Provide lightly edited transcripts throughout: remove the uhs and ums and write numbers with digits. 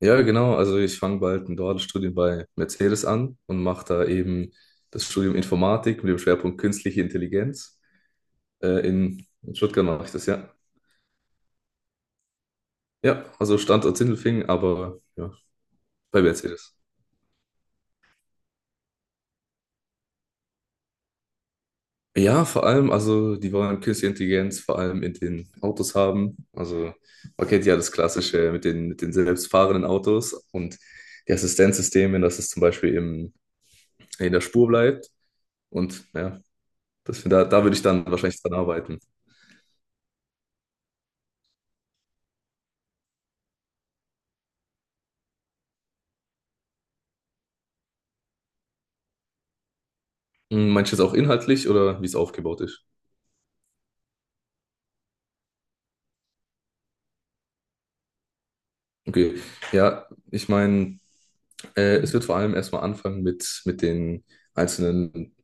Ja, genau. Also ich fange bald ein duales Studium bei Mercedes an und mache da eben das Studium Informatik mit dem Schwerpunkt Künstliche Intelligenz. In Stuttgart mache ich das, ja. Ja, also Standort Sindelfingen, aber ja, bei Mercedes. Ja, vor allem, also die wollen Künstliche Intelligenz vor allem in den Autos haben. Also man kennt ja das Klassische mit den selbstfahrenden Autos und die Assistenzsysteme, dass es zum Beispiel in der Spur bleibt. Und ja, da würde ich dann wahrscheinlich dran arbeiten. Hm, meinst du jetzt auch inhaltlich oder wie es aufgebaut ist? Okay, ja, ich meine, es wird vor allem erstmal anfangen mit den einzelnen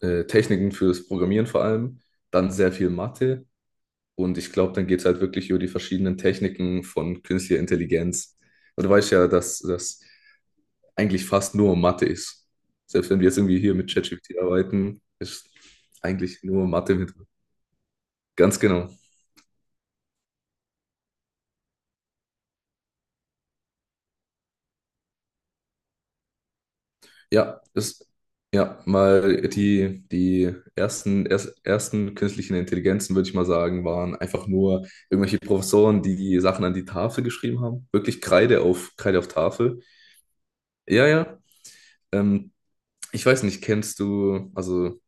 Techniken fürs Programmieren vor allem, dann sehr viel Mathe und ich glaube, dann geht es halt wirklich über die verschiedenen Techniken von künstlicher Intelligenz. Und du weißt ja, dass das eigentlich fast nur Mathe ist. Selbst wenn wir jetzt irgendwie hier mit ChatGPT arbeiten, ist eigentlich nur Mathe mit. Ganz genau. Ja, ja, mal die ersten künstlichen Intelligenzen, würde ich mal sagen, waren einfach nur irgendwelche Professoren, die die Sachen an die Tafel geschrieben haben. Wirklich Kreide auf Tafel. Ja, ja. Ähm, Ich weiß nicht, kennst du, also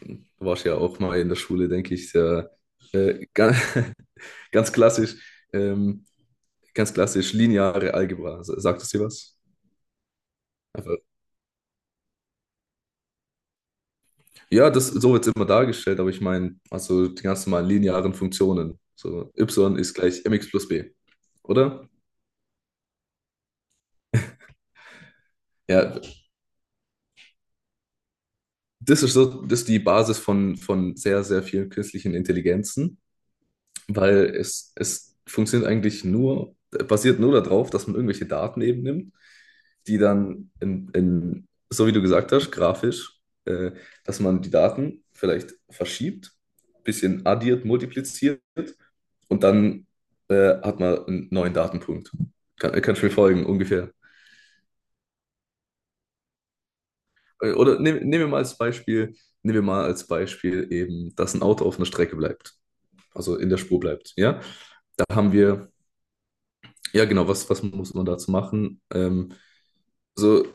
du warst ja auch mal in der Schule, denke ich, sehr, ganz, ganz klassisch, ähm, ganz klassisch lineare Algebra. Sagt es dir was? Ja, das so wird es immer dargestellt, aber ich meine, also die ganz normalen linearen Funktionen. So y ist gleich mx plus b, oder? Ja, das ist so, das ist die Basis von sehr, sehr vielen künstlichen Intelligenzen. Weil es funktioniert eigentlich nur, basiert nur darauf, dass man irgendwelche Daten eben nimmt, die dann so wie du gesagt hast, grafisch, äh, dass man die Daten vielleicht verschiebt, bisschen addiert, multipliziert und dann hat man einen neuen Datenpunkt. Kannst du mir folgen, ungefähr? Oder nehmen wir mal als Beispiel eben, dass ein Auto auf einer Strecke bleibt, also in der Spur bleibt. Ja, da haben wir. Ja, genau, was muss man dazu machen? Also,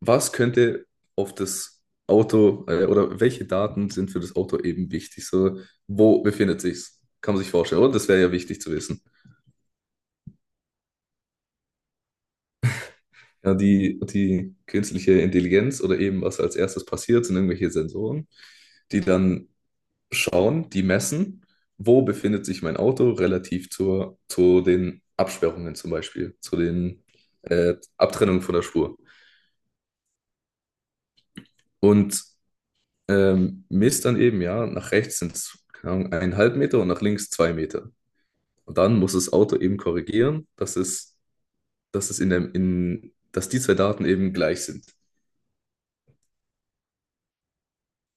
was könnte auf das Auto oder welche Daten sind für das Auto eben wichtig? So, wo befindet sich's? Kann man sich vorstellen, oder? Das wäre ja wichtig zu wissen. Ja, die künstliche Intelligenz oder eben was als erstes passiert, sind irgendwelche Sensoren, die dann schauen, die messen, wo befindet sich mein Auto relativ zu den Absperrungen zum Beispiel, zu den Abtrennungen von der Spur. Und misst dann eben, ja, nach rechts sind es eineinhalb Meter und nach links zwei Meter. Und dann muss das Auto eben korrigieren, dass es in der, in, dass die zwei Daten eben gleich sind.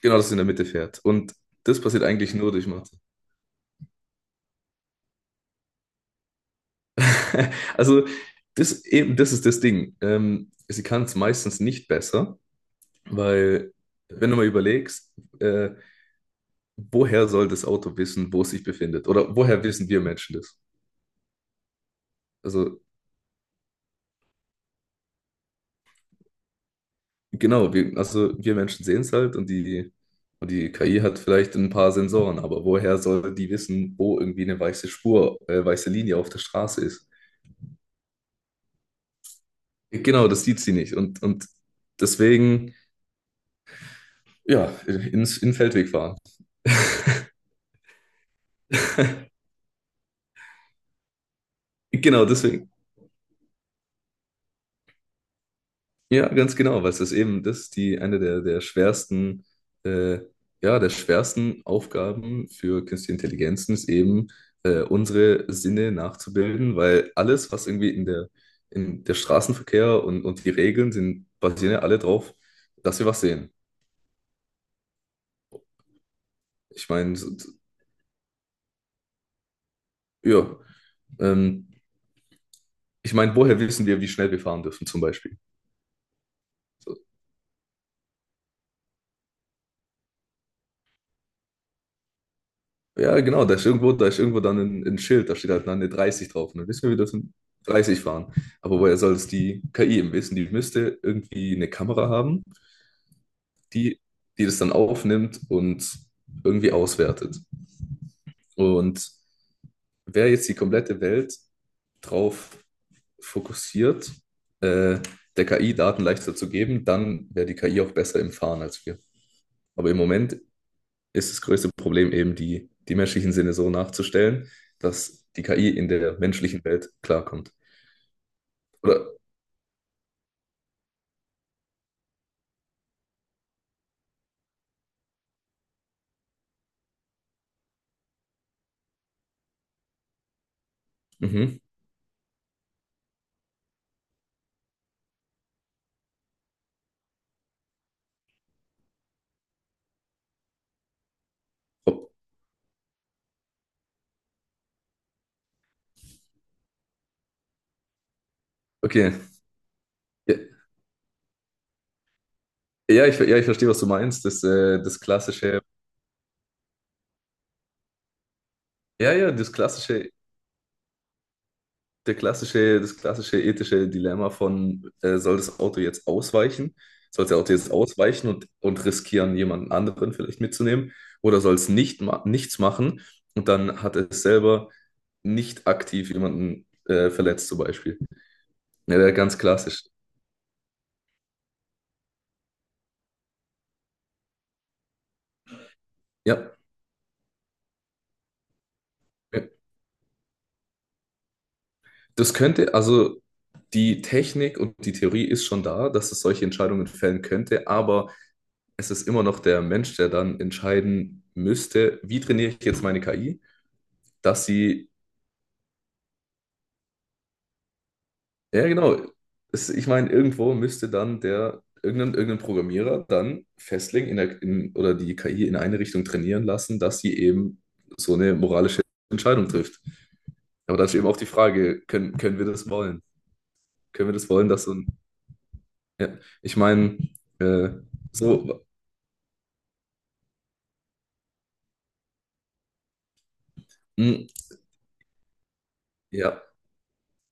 Genau, dass es in der Mitte fährt. Und das passiert eigentlich nur durch Mathe. Also, das ist das Ding. Sie kann es meistens nicht besser, weil, wenn du mal überlegst, äh, woher soll das Auto wissen, wo es sich befindet? Oder woher wissen wir Menschen das? Also, genau, also wir Menschen sehen es halt und die KI hat vielleicht ein paar Sensoren, aber woher soll die wissen, wo irgendwie weiße Linie auf der Straße ist? Genau, das sieht sie nicht und deswegen, ja, in den Feldweg fahren. Genau, deswegen. Ja, ganz genau, weil es ist eben das die eine der äh, schwersten Aufgaben für künstliche Intelligenzen ist eben, unsere Sinne nachzubilden, weil alles, was irgendwie in der Straßenverkehr und die Regeln sind, basieren ja alle drauf, dass wir was sehen. Ich meine, s- s- ja, ähm, ich meine, woher wissen wir, wie schnell wir fahren dürfen, zum Beispiel? So, ja, genau, da ist irgendwo, dann ein Schild, da steht halt dann eine 30 drauf. Und dann wissen wir, wir dürfen 30 fahren. Aber woher soll es die KI eben wissen? Die müsste irgendwie eine Kamera haben, die, die das dann aufnimmt und irgendwie auswertet. Und wäre jetzt die komplette Welt drauf fokussiert, äh, der KI Daten leichter zu geben, dann wäre die KI auch besser im Fahren als wir. Aber im Moment ist das größte Problem eben, die menschlichen Sinne so nachzustellen, dass die KI in der menschlichen Welt klarkommt. Oder, mhm, oh, okay. Ja, ja, ich verstehe, was du meinst. Das klassische ethische Dilemma von, soll das Auto jetzt ausweichen? Soll das Auto jetzt ausweichen und riskieren, jemanden anderen vielleicht mitzunehmen? Oder soll es nicht ma nichts machen und dann hat es selber nicht aktiv jemanden verletzt, zum Beispiel? Ja, der ganz klassisch. Ja. Ja. Das könnte, also die Technik und die Theorie ist schon da, dass es solche Entscheidungen fällen könnte, aber es ist immer noch der Mensch, der dann entscheiden müsste, wie trainiere ich jetzt meine KI, dass sie, ja genau, es, ich meine, irgendwo müsste dann irgendein Programmierer dann Fastlink oder die KI in eine Richtung trainieren lassen, dass sie eben so eine moralische Entscheidung trifft. Aber dann ist eben auch die Frage, können wir das wollen? Können wir das wollen, dass so ein. Ja, ich meine, äh, so, mh, ja,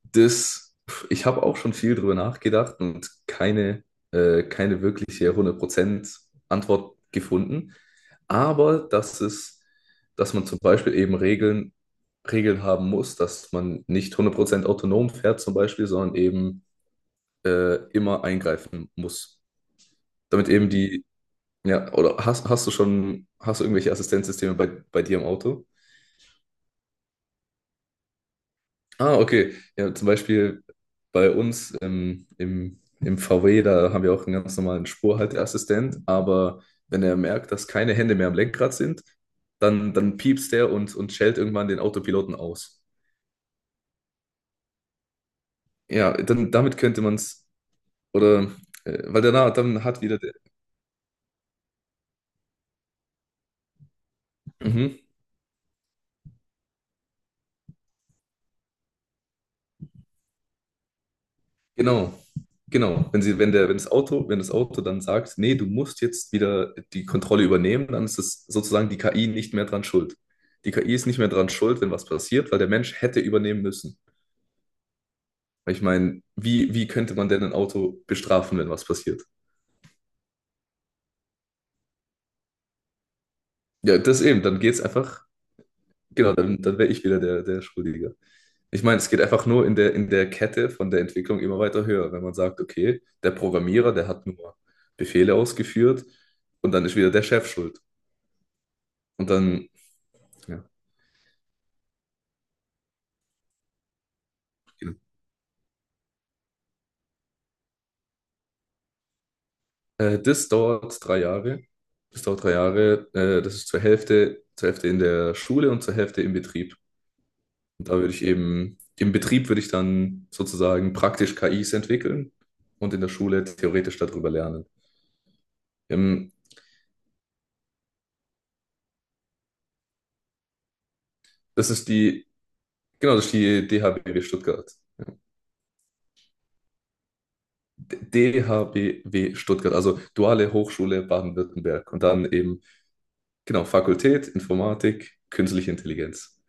ich habe auch schon viel drüber nachgedacht und keine wirkliche 100% Antwort gefunden. Aber dass man zum Beispiel eben Regeln haben muss, dass man nicht 100% autonom fährt zum Beispiel, sondern eben immer eingreifen muss. Damit eben die, ja, oder hast du irgendwelche Assistenzsysteme bei dir im Auto? Ah, okay. Ja, zum Beispiel bei uns im VW, da haben wir auch einen ganz normalen Spurhalteassistent, aber wenn er merkt, dass keine Hände mehr am Lenkrad sind, dann piepst der und schellt irgendwann den Autopiloten aus. Ja, dann damit könnte man es, oder, weil danach, dann hat wieder der, mhm, genau, genau. Wenn sie, wenn der, wenn das Auto, wenn das Auto dann sagt, nee, du musst jetzt wieder die Kontrolle übernehmen, dann ist es sozusagen die KI nicht mehr dran schuld. Die KI ist nicht mehr dran schuld, wenn was passiert, weil der Mensch hätte übernehmen müssen. Weil ich meine, wie könnte man denn ein Auto bestrafen, wenn was passiert? Ja, dann geht's einfach, genau, dann wäre ich wieder der Schuldige. Ich meine, es geht einfach nur in der Kette von der Entwicklung immer weiter höher, wenn man sagt, okay, der Programmierer, der hat nur Befehle ausgeführt und dann ist wieder der Chef schuld. Und dann, ja, genau. Das dauert drei Jahre. Das dauert drei Jahre. Das ist zur Hälfte in der Schule und zur Hälfte im Betrieb. Und da würde ich eben, im Betrieb würde ich dann sozusagen praktisch KIs entwickeln und in der Schule theoretisch darüber lernen. Ähm, das ist die, genau, das ist die DHBW Stuttgart. DHBW Stuttgart, also Duale Hochschule Baden-Württemberg. Und dann eben, genau, Fakultät, Informatik, Künstliche Intelligenz.